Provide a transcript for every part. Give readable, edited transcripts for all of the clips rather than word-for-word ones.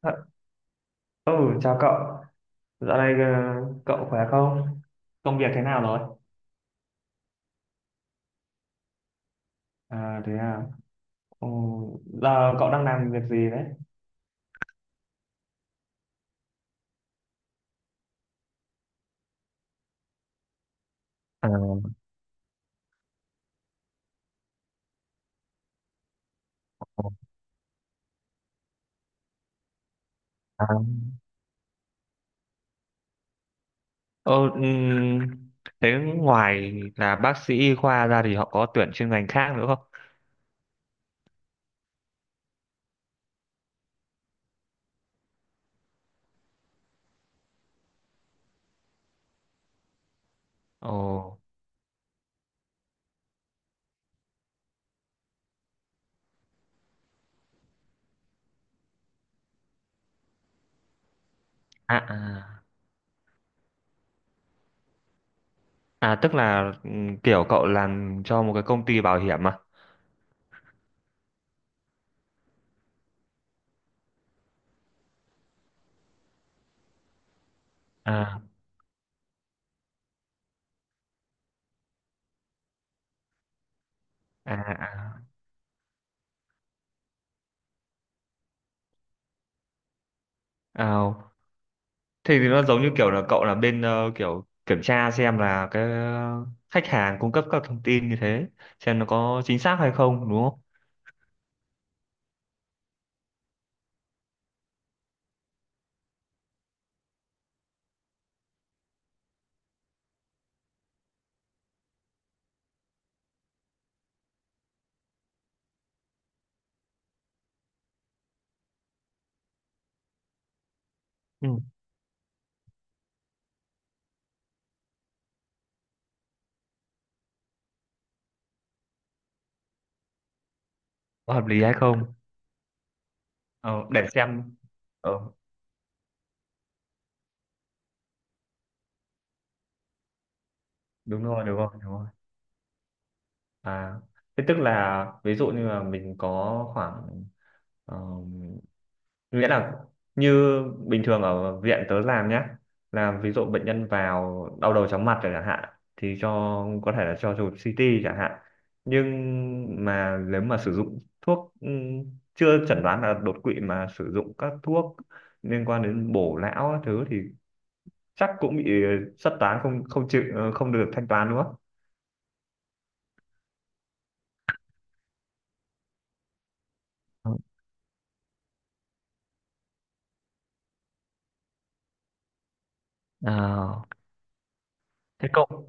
Ờ. Ừ. Chào cậu. Dạo này cậu khỏe không? Công việc thế nào rồi? À, thế à. Ừ, giờ cậu đang làm việc gì đấy? À, à. Ờ, ừm, thế ngoài là bác sĩ y khoa ra thì họ có tuyển chuyên ngành khác nữa không? Ồ, à, à, à tức là kiểu cậu làm cho một cái công ty bảo hiểm à? À, à, à. À. Thế thì nó giống như kiểu là cậu là bên kiểu kiểm tra xem là cái khách hàng cung cấp các thông tin như thế, xem nó có chính xác hay không đúng không? Ừ. Có hợp lý hay không? Ờ, để xem. Ờ, đúng rồi, đúng rồi, đúng rồi. À, thế tức là ví dụ như là mình có khoảng, nghĩa là như bình thường ở viện tớ làm nhá, là ví dụ bệnh nhân vào đau đầu chóng mặt rồi chẳng hạn thì cho, có thể là cho chụp CT chẳng hạn, nhưng mà nếu mà sử dụng thuốc, chưa chẩn đoán là đột quỵ mà sử dụng các thuốc liên quan đến bổ lão các thứ thì chắc cũng bị xuất toán, không không chịu, không được thanh toán đúng không. Ờ, thế cậu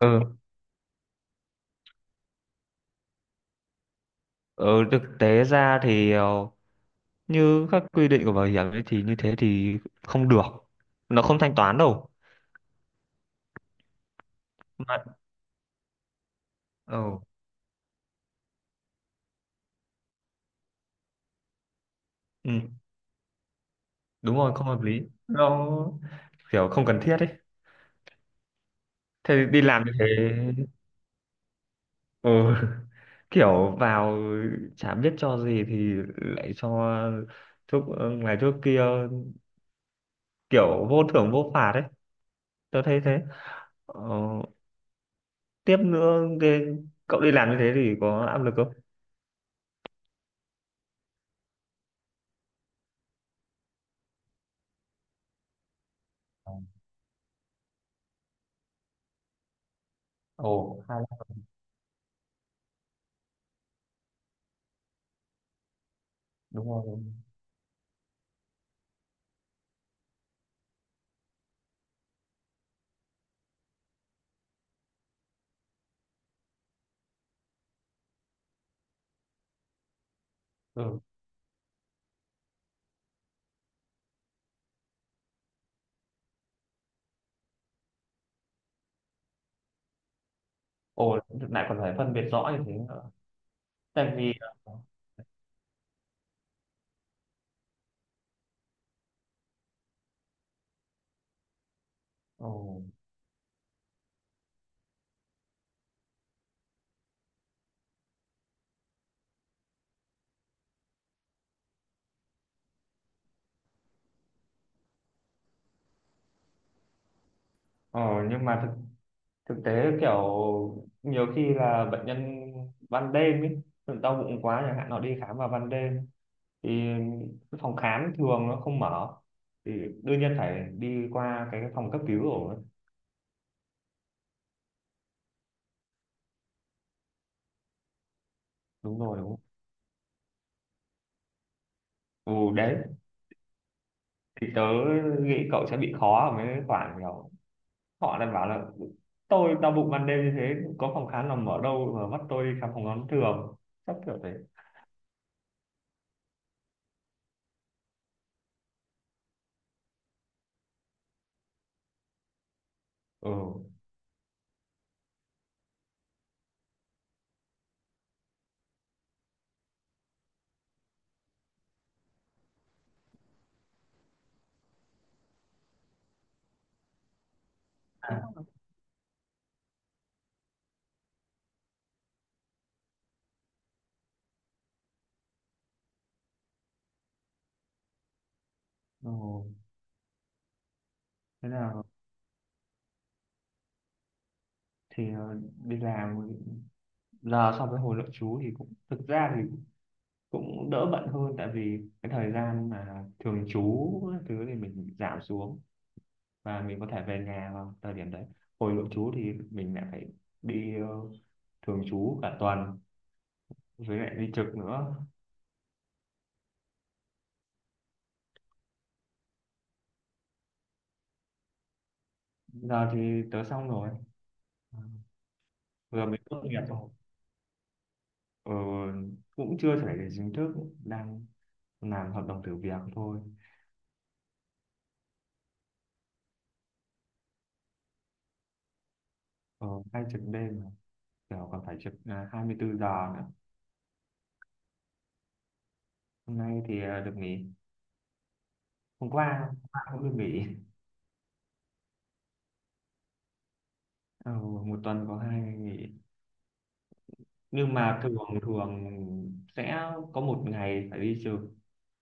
ừ, ừ thực tế ra thì như các quy định của bảo hiểm ấy thì như thế thì không được, nó không thanh toán đâu mà. Ừ, ừ, đúng rồi, không hợp lý, nó kiểu không cần thiết ấy. Thế thì đi làm như thế, ừ, kiểu vào chả biết cho gì thì lại cho thuốc, ngày thuốc kia, kiểu vô thưởng vô phạt ấy, tôi thấy thế. Ờ, tiếp nữa cái, cậu đi làm như thế thì có áp lực không? Ồ, hay lắm. Đúng rồi. Đúng rồi. Ừ. Ồ, lại còn phải phân biệt rõ như thế. Tại vì ờ, ờ, nhưng mà thực thực tế kiểu nhiều khi là bệnh nhân ban đêm ấy tự đau bụng quá chẳng hạn, họ đi khám vào ban đêm thì cái phòng khám thường nó không mở thì đương nhiên phải đi qua cái phòng cấp cứu rồi, đúng rồi đúng không? Ừ, đấy, thì tớ nghĩ cậu sẽ bị khó ở mấy khoản kiểu họ đang bảo là tôi đau bụng ban đêm như thế có phòng khám nào mở đâu mà bắt tôi đi khám phòng khám thường, chắc kiểu thế. Ừ, ừ. Thế nào thì đi làm giờ so với hồi nội trú thì cũng, thực ra thì cũng đỡ bận hơn, tại vì cái thời gian mà thường trú các thứ thì mình giảm xuống và mình có thể về nhà vào thời điểm đấy, hồi nội trú thì mình lại phải đi thường trú cả tuần, với lại đi trực nữa. Giờ thì tớ xong rồi, vừa mới tốt nghiệp rồi. Ờ, cũng chưa phải là chính thức, đang làm hợp đồng thử việc thôi. Ờ, hay trực đêm mà, kiểu còn phải trực 24 giờ nữa. Hôm nay thì được nghỉ, hôm qua cũng được nghỉ. Ờ, một tuần có 2 ngày nghỉ, nhưng mà thường, thường sẽ có một ngày phải đi trực,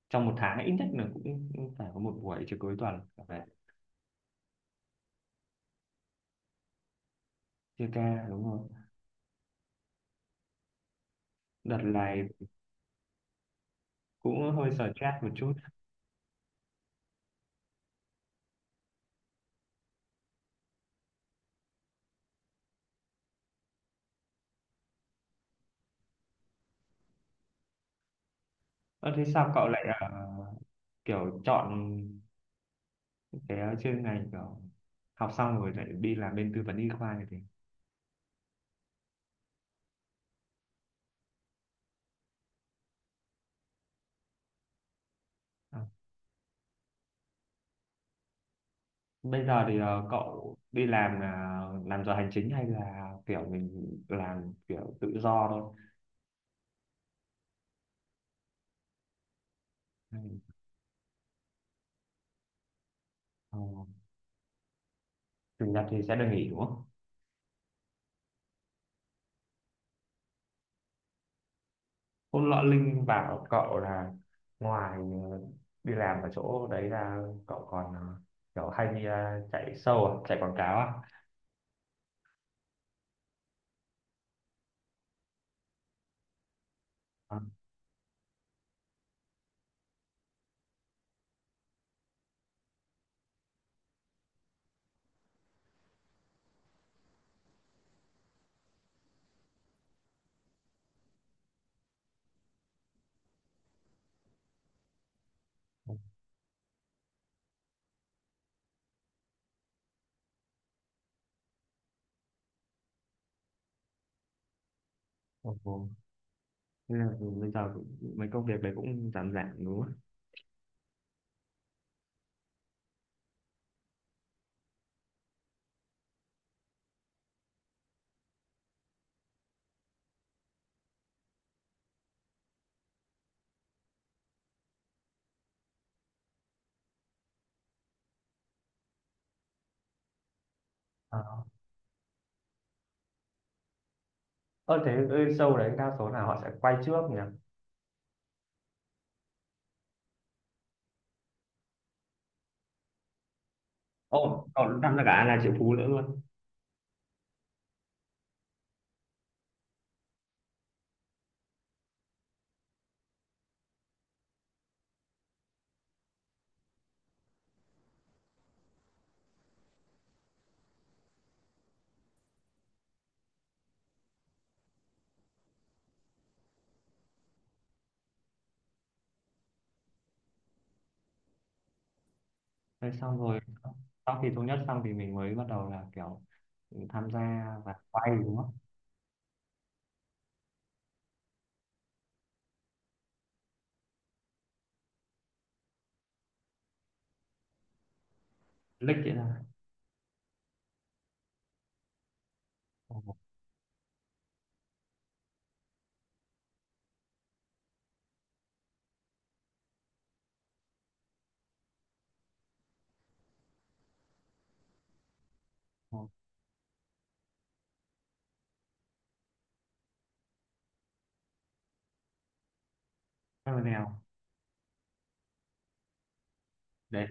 trong một tháng ít nhất là cũng cũng phải có một buổi trực cuối tuần là phải, chia ca đúng không. Đợt này cũng hơi stress một chút. Ơ, thế sao cậu lại kiểu chọn cái chuyên ngành kiểu học xong rồi lại đi làm bên tư vấn y khoa như thế? À. Bây giờ thì cậu đi làm là làm giờ hành chính hay là kiểu mình làm kiểu tự do thôi? Ừ. Ờ, Chủ nhật thì sẽ được nghỉ đúng không? Hôm nọ Linh bảo cậu là ngoài ờ, đi làm ở chỗ đấy là cậu còn kiểu hay đi chạy show à, chạy quảng cáo à? À, ồ, ồ. Thế là bây giờ mấy công việc đấy cũng giảm giảm đúng không? À. Thế ơi, show đấy đa số là họ sẽ quay trước nhỉ? Ồ, cậu tham gia cả là triệu phú nữa luôn. Thế xong rồi sau khi thống nhất xong thì mình mới bắt đầu là kiểu tham gia và quay đúng không? Lick vậy ra. Ồ, ồ. Thế là nào? Để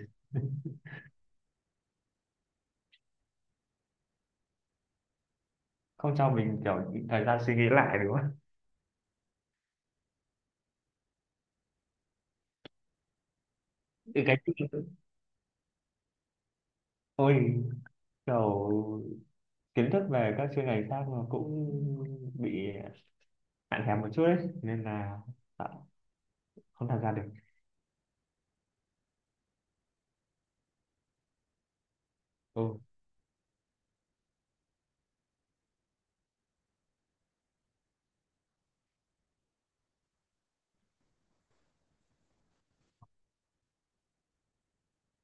không cho mình kiểu thời gian suy nghĩ lại đúng không? Từ cái ôi, kiểu kiến thức về các chuyên ngành khác mà cũng bị hạn hẹp một chút ấy nên là tạo- không tham gia được. Ừ.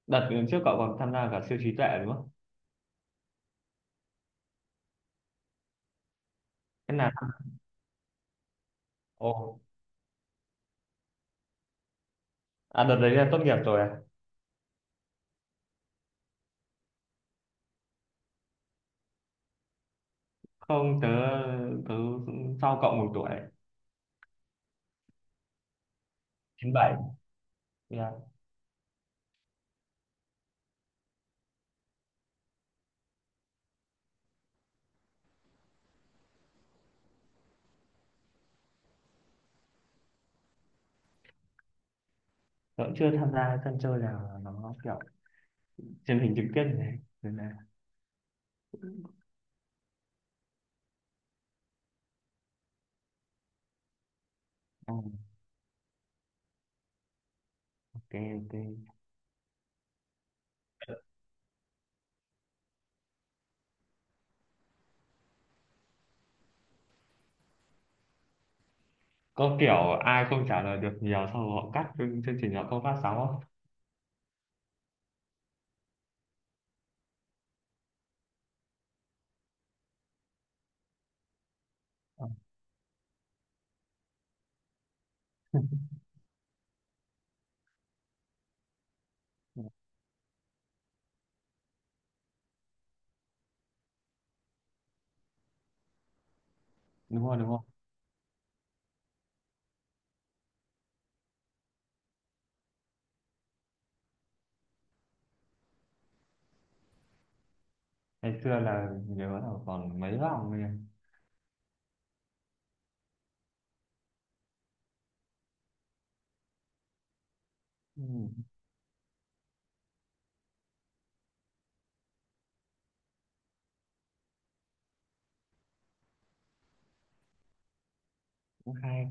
Đợt trước cậu còn tham gia cả siêu trí tuệ đúng không? Thế là ồ, à, đợt đấy là tốt nghiệp rồi à? Không, tớ tớ sau cậu một tuổi. 97 yeah. Tớ cũng chưa tham gia sân chơi nào nó kiểu truyền hình trực tiếp như thế nên là, ừ, ok ok. Có kiểu ai không trả lời được nhiều sau họ cắt chương chương trình họ không phát sóng không? Ờ, đúng rồi đúng rồi. Ngày xưa là nhớ là còn mấy vòng rồi nhỉ? Ừ, cũng hay,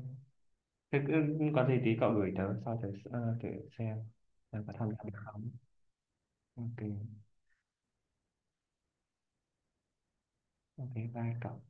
thế cứ có gì tí cậu gửi tớ sau tớ thử xem tớ có tham gia được không. Ok, ok, bye cậu.